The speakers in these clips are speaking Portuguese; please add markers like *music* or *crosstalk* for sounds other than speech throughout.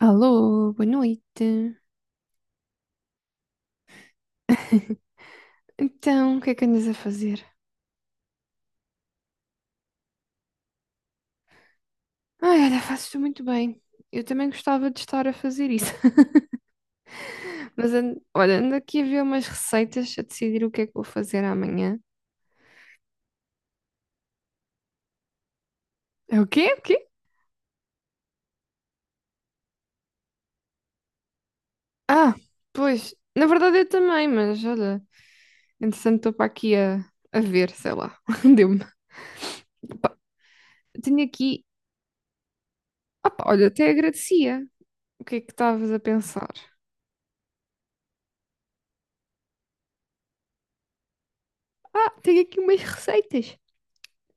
Alô, boa noite. *laughs* Então, o que é que andas a fazer? Ai, olha, fazes-te muito bem. Eu também gostava de estar a fazer isso. *laughs* Mas, olha, ando aqui a ver umas receitas, a decidir o que é que vou fazer amanhã. É o quê? O quê? Ah, pois, na verdade eu também, mas olha, entretanto estou para aqui a ver, sei lá. *laughs* Deu-me. Opa, tenho aqui. Opa, olha, até agradecia. O que é que estavas a pensar? Ah, tenho aqui umas receitas.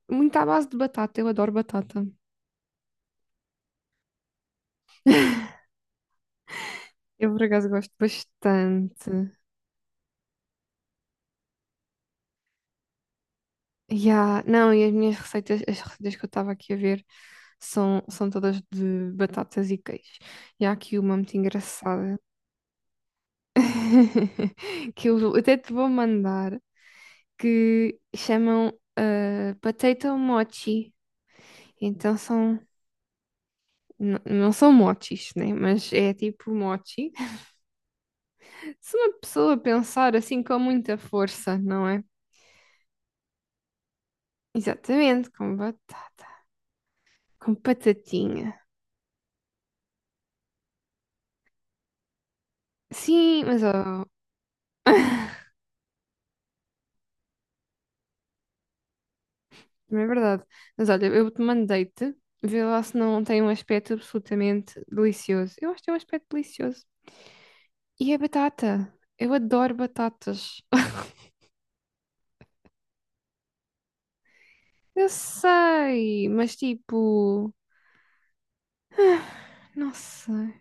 Muito à base de batata, eu adoro batata. Eu por acaso gosto bastante. Yeah, não, e as minhas receitas, as receitas que eu estava aqui a ver são todas de batatas e queijo. E há aqui uma muito engraçada *laughs* que eu até te vou mandar, que chamam potato mochi. Então são, não são mochis, né? Mas é tipo mochi. *laughs* Se uma pessoa pensar assim com muita força, não é? Exatamente, com batata, com batatinha. Sim, mas ó, não é verdade. Mas olha, eu te mandei-te, vê lá se não tem um aspecto absolutamente delicioso. Eu acho que tem um aspecto delicioso. E é batata. Eu adoro batatas. *laughs* Eu sei, mas tipo, não sei.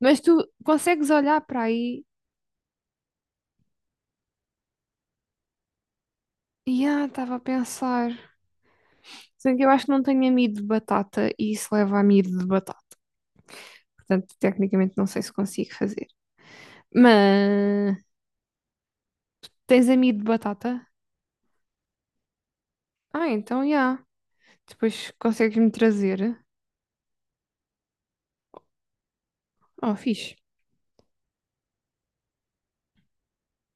Mas tu consegues olhar para aí e estava a pensar. Sendo que eu acho que não tenho amido de batata e isso leva a amido de batata. Portanto, tecnicamente não sei se consigo fazer. Mas tens amido de batata? Ah, então já. Depois consegues-me trazer. Oh, fixe.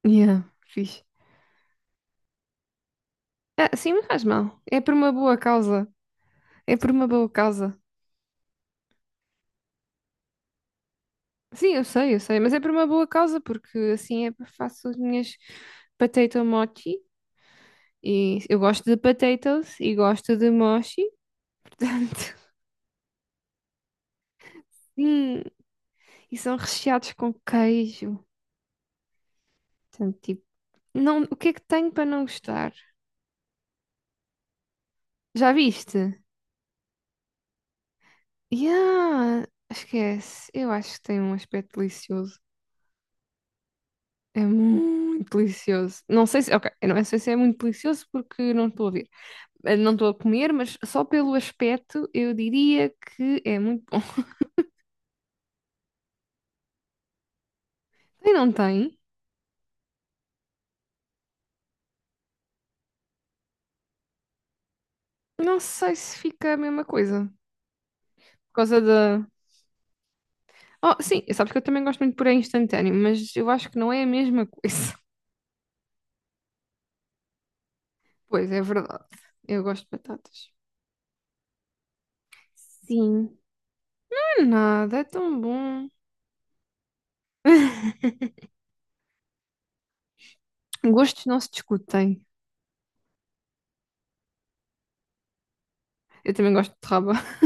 Yeah, fixe. Ah, sim, não faz mal. É por uma boa causa. É por uma boa causa. Sim, eu sei, mas é por uma boa causa, porque assim é faço as minhas potato mochi. E eu gosto de potatoes e gosto de mochi, portanto. *laughs* Sim, e são recheados com queijo. Portanto, tipo, não, o que é que tenho para não gostar? Já viste? Yeah, esquece. Eu acho que tem um aspecto delicioso. É muito delicioso. Não sei se, ok, eu não sei se é muito delicioso porque não estou a ver, não estou a comer, mas só pelo aspecto eu diria que é muito bom. *laughs* E não tem, não sei se fica a mesma coisa. Por causa da. Oh, sim, sabes que eu também gosto muito de purê instantâneo, mas eu acho que não é a mesma coisa. *laughs* Pois é verdade. Eu gosto de batatas. Sim. Não é nada, é tão bom. *laughs* Gostos não se discutem. Eu também gosto de raba. *laughs*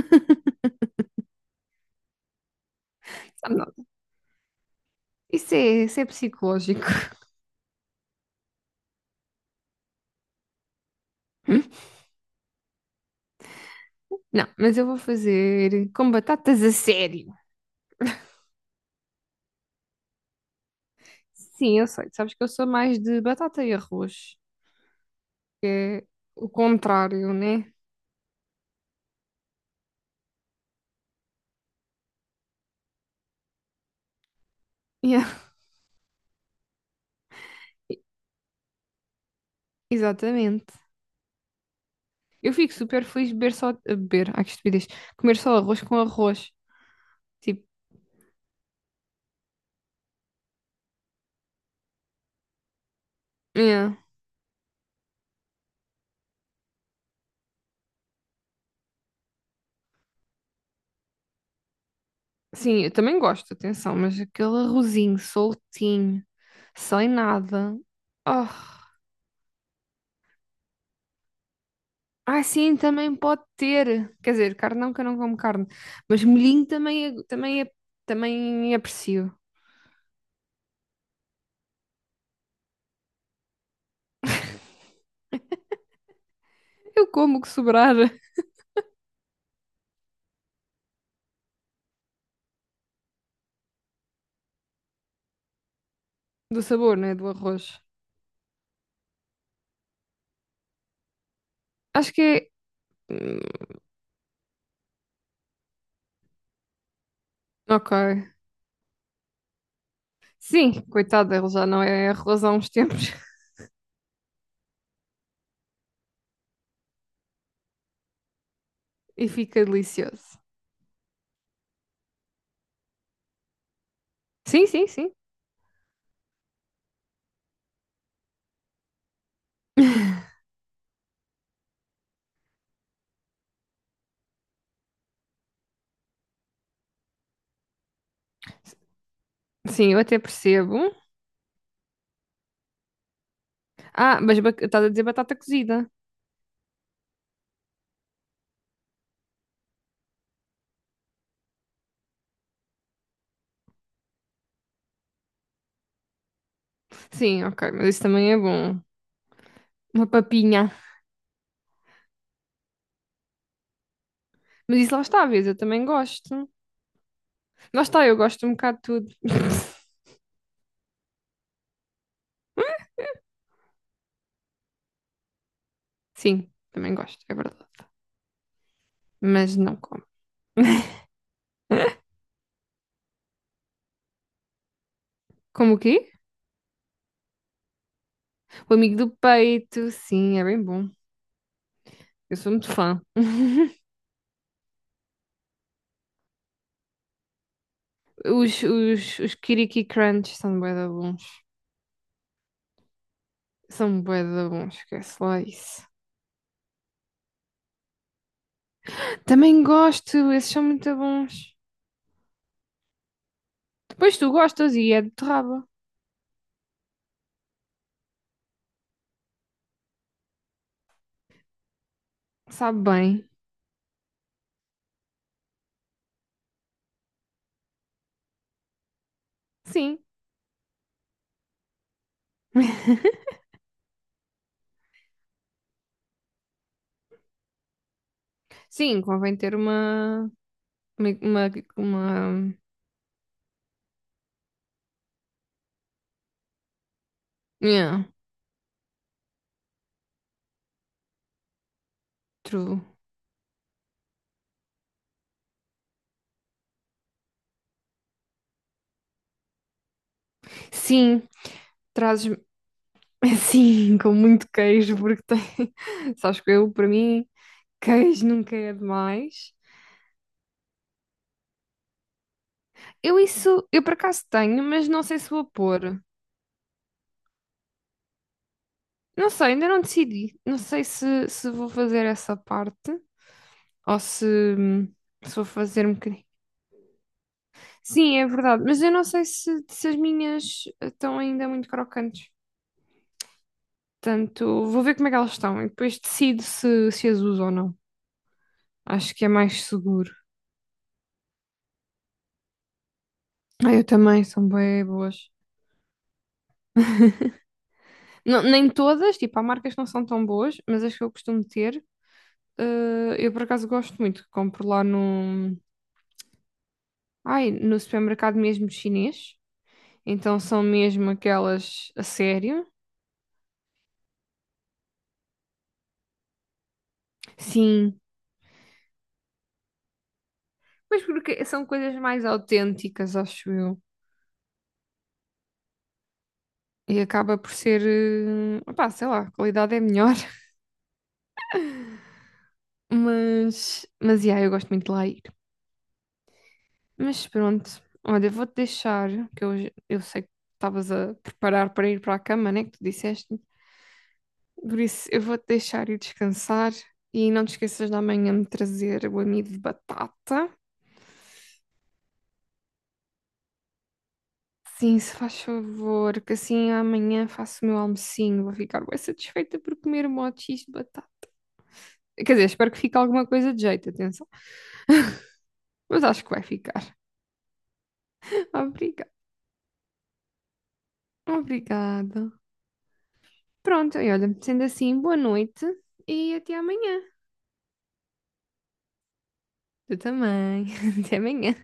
Sabe nada. Isso é psicológico. Não, mas eu vou fazer com batatas a sério. Sim, eu sei. Sabes que eu sou mais de batata e arroz. É o contrário, né? Yeah, *laughs* exatamente. Eu fico super feliz de beber só. A beber, ai que estupidez. Comer só arroz com arroz. Tipo, yeah. Sim, eu também gosto, atenção, mas aquele arrozinho soltinho, sem nada. Oh. Ah, sim, também pode ter. Quer dizer, carne não, que eu não como carne. Mas molhinho também, é, também aprecio. Eu como o que sobrar *laughs* do sabor, né? Do arroz. Acho que é. Ok. Sim, coitado, ele já não é arroz há uns tempos *laughs* e fica delicioso. Sim. Sim, eu até percebo. Ah, mas estás a dizer batata cozida. Sim, ok, mas isso também é bom. Uma papinha. Mas isso lá está, vês, eu também gosto. Lá está, eu gosto um bocado de tudo. *laughs* Sim, também gosto, é verdade. Mas não como. Como o quê? O amigo do peito, sim, é bem bom. Eu sou muito fã. *laughs* Os Kiriki Crunch são bué da bons. São bué da bons, esquece lá isso. Também gosto, esses são muito bons. Depois tu gostas e é de beterraba. Sabe bem. Sim. *laughs* Sim, convém ter uma... Uma... Uma... uma- Yeah, true. Sim, trazes... *laughs* Sim, com muito queijo, porque tem... *laughs* Sabes que eu, para mim, queijo nunca é demais. Eu isso... Eu por acaso tenho, mas não sei se vou pôr. Não sei, ainda não decidi. Não sei se vou fazer essa parte ou se vou fazer um bocadinho. Sim, é verdade, mas eu não sei se as minhas estão ainda muito crocantes. Portanto, vou ver como é que elas estão e depois decido se as uso ou não. Acho que é mais seguro. Ah, eu também, são bem boas. Não, nem todas, tipo, há marcas que não são tão boas, mas as que eu costumo ter, eu por acaso gosto muito. Compro lá ai, no supermercado mesmo chinês. Então são mesmo aquelas a sério? Sim, mas porque são coisas mais autênticas, acho eu. E acaba por ser, opá, sei lá, a qualidade é melhor. *laughs* Mas yeah, eu gosto muito de lá ir. Mas pronto, olha, vou-te deixar, que eu sei que estavas a preparar para ir para a cama, né, que tu disseste. Por isso, eu vou-te deixar ir descansar e não te esqueças de amanhã me trazer o amido de batata. Sim, se faz favor, que assim amanhã faço o meu almocinho, vou ficar bem satisfeita por comer um monte de X de batata. Quer dizer, espero que fique alguma coisa de jeito, atenção. Mas acho que vai ficar. *laughs* Obrigada. Obrigada. Pronto, e olha, sendo assim, boa noite e até amanhã. Tu também. *laughs* Até amanhã.